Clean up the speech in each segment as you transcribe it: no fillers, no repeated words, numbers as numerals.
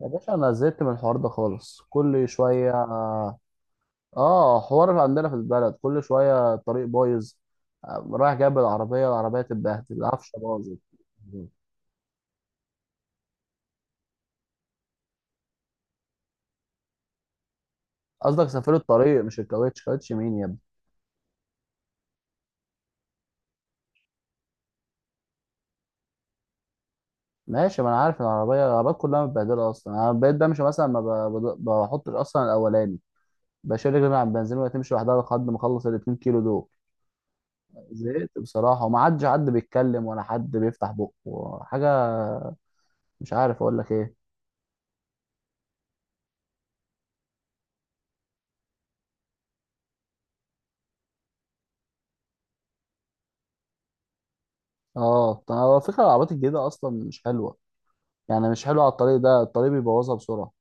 يا باشا انا زهقت من الحوار ده خالص كل شويه. اه، حوار عندنا في البلد كل شويه الطريق بايظ. رايح جايب العربيه تتبهدل، العفشه باظت. قصدك سافروا الطريق مش الكاوتش، كاوتش مين يا ابني؟ ماشي، ما انا عارف إن العربيه العربيات كلها متبهدله اصلا. انا بقيت بمشي مثلا، ما ب- بض- بحطش اصلا الاولاني، بشيل رجلي من على البنزين وهي تمشي لوحدها لحد ما اخلص ال 2 كيلو دول. زهقت بصراحه، وما عادش حد بيتكلم ولا حد بيفتح بقه حاجه. مش عارف اقول لك ايه. اه، طب هو فكرة العربيات الجديدة أصلا مش حلوة، يعني مش حلوة على الطريق ده، الطريق بيبوظها بسرعة.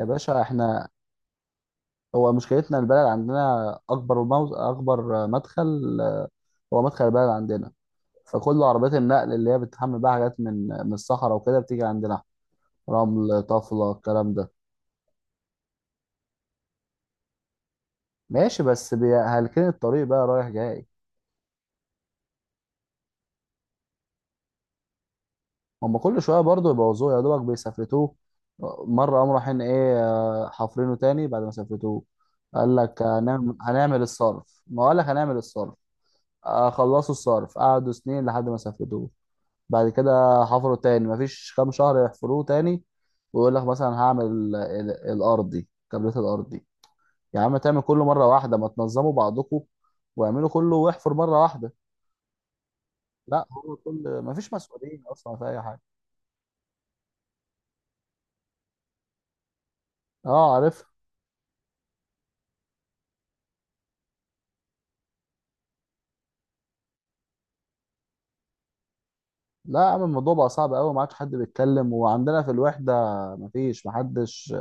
يا باشا احنا هو مشكلتنا البلد عندنا أكبر مدخل، هو مدخل البلد عندنا، فكل عربيات النقل اللي هي بتحمل بقى حاجات من الصحراء وكده بتيجي عندنا، رمل طفلة الكلام ده. ماشي، هلكين الطريق بقى رايح جاي. هم كل شويه برضه يبوظوه، يا دوبك بيسافرتوه، مره قاموا رايحين ايه، حافرينه تاني بعد ما سافرتوه. قال لك هنعمل، هنعمل الصرف، ما قال لك هنعمل الصرف. خلصوا الصرف قعدوا سنين لحد ما سافرتوه، بعد كده حفروا تاني، مفيش كام شهر يحفروه تاني، ويقول لك مثلا هعمل الارض دي، كابلات الارض دي. يا عم تعمل كله مره واحده، ما تنظموا بعضكم واعملوا كله، واحفر مره واحده. لا، هو كل مفيش مسؤولين اصلا في اي حاجه. اه عارف. لا يا عم الموضوع بقى صعب قوي، ما عادش حد بيتكلم، وعندنا في الوحده ما فيش، ما حدش،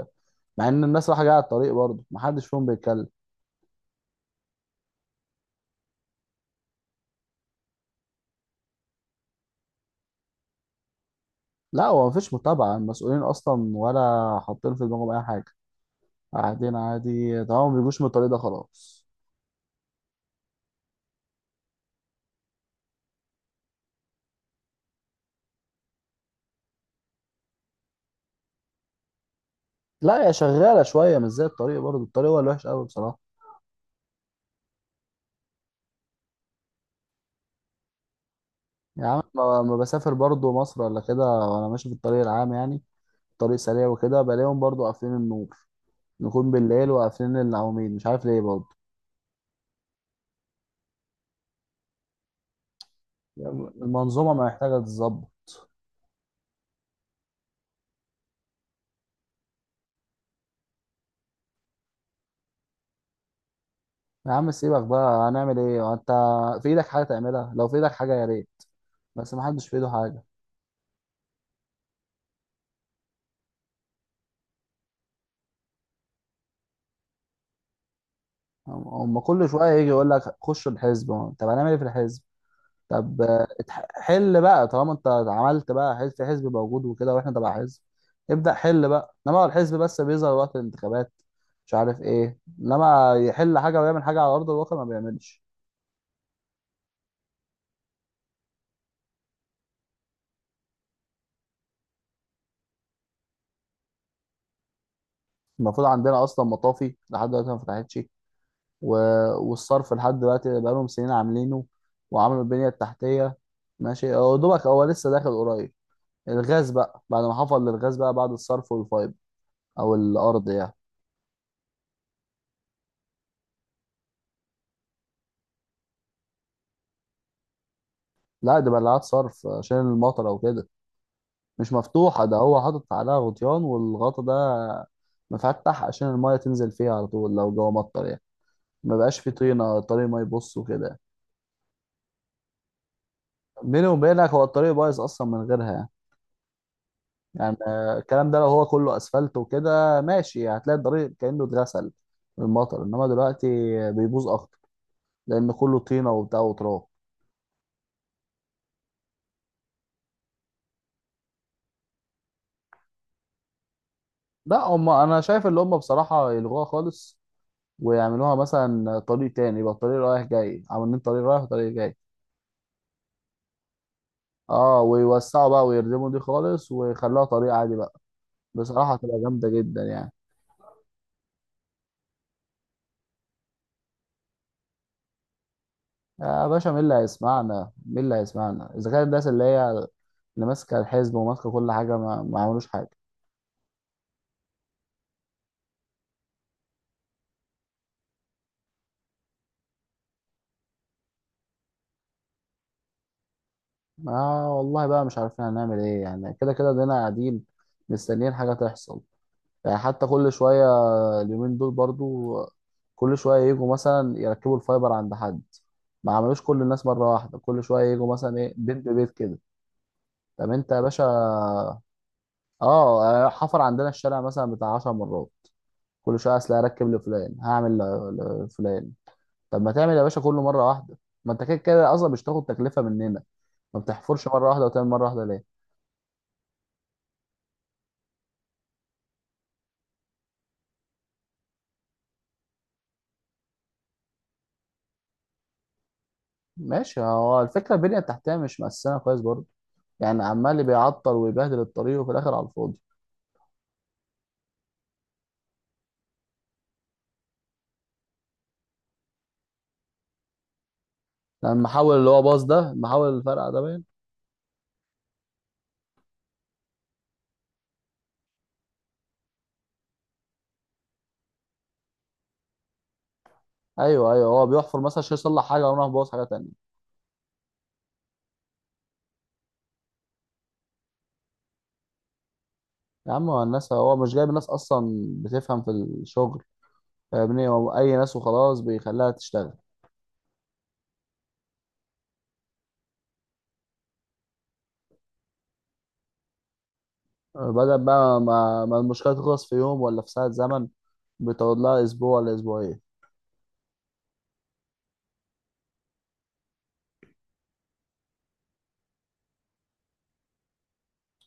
مع ان الناس رايحه جايه على الطريق، برضه ما حدش فيهم بيتكلم. لا هو ما فيش متابعه المسؤولين اصلا، ولا حاطين في دماغهم اي حاجه، قاعدين عادي طبعا، ما بيجوش من الطريق ده خلاص. لا هي شغاله شويه، مش زي الطريق برضه، الطريق هو الوحش قوي بصراحه. يا عم ما بسافر برضه مصر ولا كده، وانا ماشي في الطريق العام يعني، طريق سريع وكده، بلاقيهم برضه قافلين النور، نكون بالليل وقافلين العواميد، مش عارف ليه برضه. المنظومه محتاجه تتظبط. يا عم سيبك بقى، هنعمل ايه انت؟ في ايدك حاجه تعملها؟ لو في ايدك حاجه يا ريت، بس ما حدش في ايده حاجه. هم كل شويه يجي يقول لك خش الحزب، طب هنعمل ايه في الحزب؟ طب حل بقى، طالما انت عملت بقى حزب، في حزب موجود وكده، واحنا تبع حزب، ابدا حل بقى. انما هو الحزب بس بيظهر وقت الانتخابات، مش عارف ايه، انما يحل حاجه ويعمل حاجه على ارض الواقع ما بيعملش. المفروض عندنا اصلا مطافي لحد دلوقتي ما فتحتش، و- والصرف لحد دلوقتي بقالهم سنين عاملينه وعملوا البنية التحتية. ماشي هو دوبك هو لسه داخل قريب الغاز بقى، بعد ما حفر للغاز بقى بعد الصرف والفايبر أو الأرض يعني. لا، دي بلعات صرف عشان المطر أو كده، مش مفتوحة، ده هو حاطط عليها غطيان، والغطا ده مفتح عشان المية تنزل فيها على طول لو جوه مطر يعني، ما بقاش فيه طينة الطريق ما يبص وكده. بيني وبينك هو الطريق بايظ أصلا من غيرها يعني. يعني الكلام ده لو هو كله اسفلت وكده ماشي، هتلاقي الطريق كانه اتغسل من المطر، انما دلوقتي بيبوظ اكتر لان كله طينه وبتاع وتراب. لا هم انا شايف اللي هم بصراحه يلغوها خالص، ويعملوها مثلا طريق تاني، يبقى الطريق رايح جاي، عاملين طريق رايح وطريق جاي. اه، ويوسعوا بقى ويردموا دي خالص، ويخلوها طريق عادي بقى، بصراحه هتبقى جامده جدا يعني. يا باشا مين اللي هيسمعنا؟ مين اللي هيسمعنا اذا كان الناس اللي هي اللي ماسكه الحزب وماسكه كل حاجه ما عملوش حاجه؟ اه والله بقى مش عارفين هنعمل ايه يعني، كده كده دينا قاعدين مستنيين حاجة تحصل يعني. حتى كل شوية اليومين دول برضو كل شوية يجوا مثلا يركبوا الفايبر عند حد، ما عملوش كل الناس مرة واحدة، كل شوية يجوا مثلا ايه، بيت ببيت كده. طب انت يا باشا، اه يعني حفر عندنا الشارع مثلا بتاع عشر مرات، كل شوية اصل هركب لفلان، هعمل لفلان. طب ما تعمل يا باشا كله مرة واحدة، ما انت كده كده اصلا مش تاخد تكلفة مننا، ما بتحفرش مرة واحدة وتعمل مرة واحدة ليه؟ ماشي، هو الفكرة البنية التحتية مش مقسمة كويس برضه، يعني عمال اللي بيعطل ويبهدل الطريق وفي الآخر على الفاضي. لما حاول اللي هو باص ده، لما حاول الفرقة ده باين. أيوه أيوه، هو بيحفر مثلا عشان يصلح حاجة وراح باص حاجة تانية. يا عم هو الناس، هو مش جايب الناس أصلا بتفهم في الشغل، فاهمني؟ هو أي ناس وخلاص بيخليها تشتغل. بدل بقى ما المشكلة تخلص في يوم ولا في ساعة زمن، بتقعد لها أسبوع ولا أسبوعين،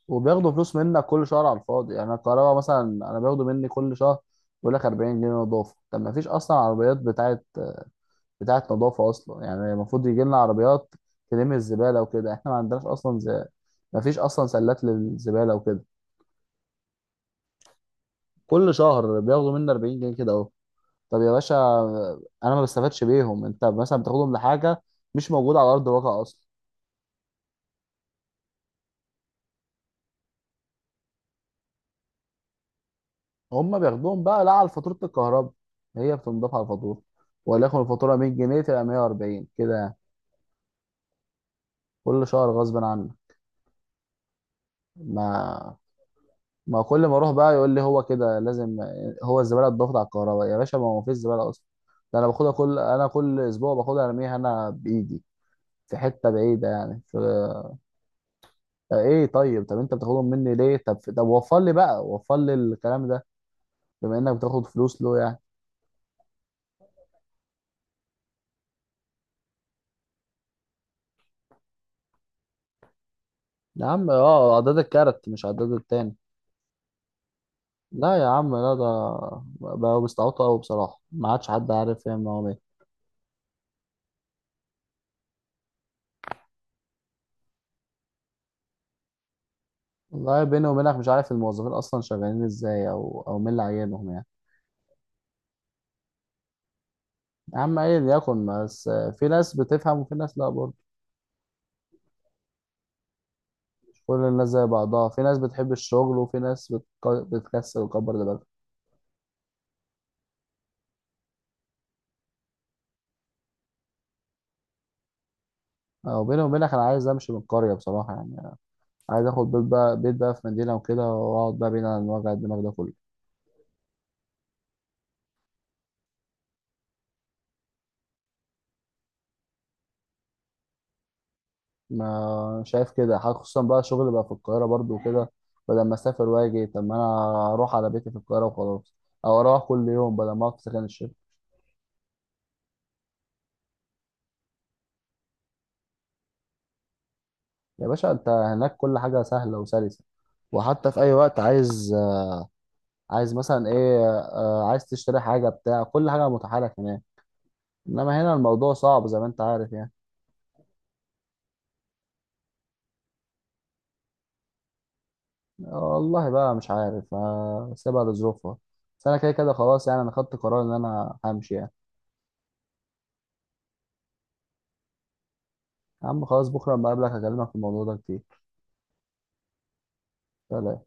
وبياخدوا فلوس منك كل شهر على الفاضي يعني. الكهرباء مثلا انا باخده مني كل شهر، بيقول لك 40 جنيه نظافه، طب ما فيش اصلا عربيات بتاعت نظافه اصلا يعني، المفروض يجي لنا عربيات تلم الزباله وكده، احنا ما عندناش اصلا ما فيش اصلا سلات للزباله وكده. كل شهر بياخدوا مني 40 جنيه كده اهو. طب يا باشا انا ما بستفادش بيهم، انت مثلا بتاخدهم لحاجه مش موجوده على ارض الواقع اصلا. هم بياخدوهم بقى لا على فاتوره الكهرباء، هي بتنضاف على الفاتوره، وليكن الفاتوره 100 جنيه تبقى 140 كده يعني. كل شهر غصب عنه، ما ما كل ما اروح بقى يقول لي هو كده لازم. هو الزباله اتضافت على الكهرباء يا باشا، ما هو مفيش زباله اصلا، ده انا باخدها كل، انا كل اسبوع باخدها ارميها انا بايدي في حته بعيده يعني ايه؟ طيب، طب انت بتاخدهم مني ليه؟ طب طب وفر لي بقى، وفر لي الكلام ده بما انك بتاخد فلوس له يعني. يا عم اه، عداد الكارت مش عداد التاني؟ لا يا عم لا، ده بقوا بيستعبطوا قوي بصراحه، ما عادش حد عارف يعمل هو. والله بيني وبينك مش عارف الموظفين اصلا شغالين ازاي، او مين اللي عينهم يعني. يا عم ايا يكن، بس في ناس بتفهم وفي ناس لا برضه، مش كل الناس زي بعضها، في ناس بتحب الشغل وفي ناس بتكسل وكبر دماغها. او بيني وبينك انا عايز امشي من القريه بصراحه يعني، عايز اخد بيت بقى، بيت بقى في مدينه وكده، واقعد بقى بعيد عن وجع الدماغ ده كله. ما شايف كده حاجة، خصوصا بقى شغل بقى في القاهره برضه وكده، بدل ما اسافر واجي، طب ما انا اروح على بيتي في القاهره وخلاص، او اروح كل يوم بدل ما اقعد في سكن الشغل. يا باشا انت هناك كل حاجة سهلة وسلسة، وحتى في اي وقت عايز، عايز مثلا ايه، عايز تشتري حاجة بتاع، كل حاجة متاحة لك هناك، انما هنا الموضوع صعب زي ما انت عارف يعني. والله بقى مش عارف، سيبها لظروفها، بس انا كده كده خلاص يعني، انا خدت قرار ان انا همشي يعني. يا عم خلاص، بكرة لما اقابلك هكلمك في الموضوع ده كتير. سلام.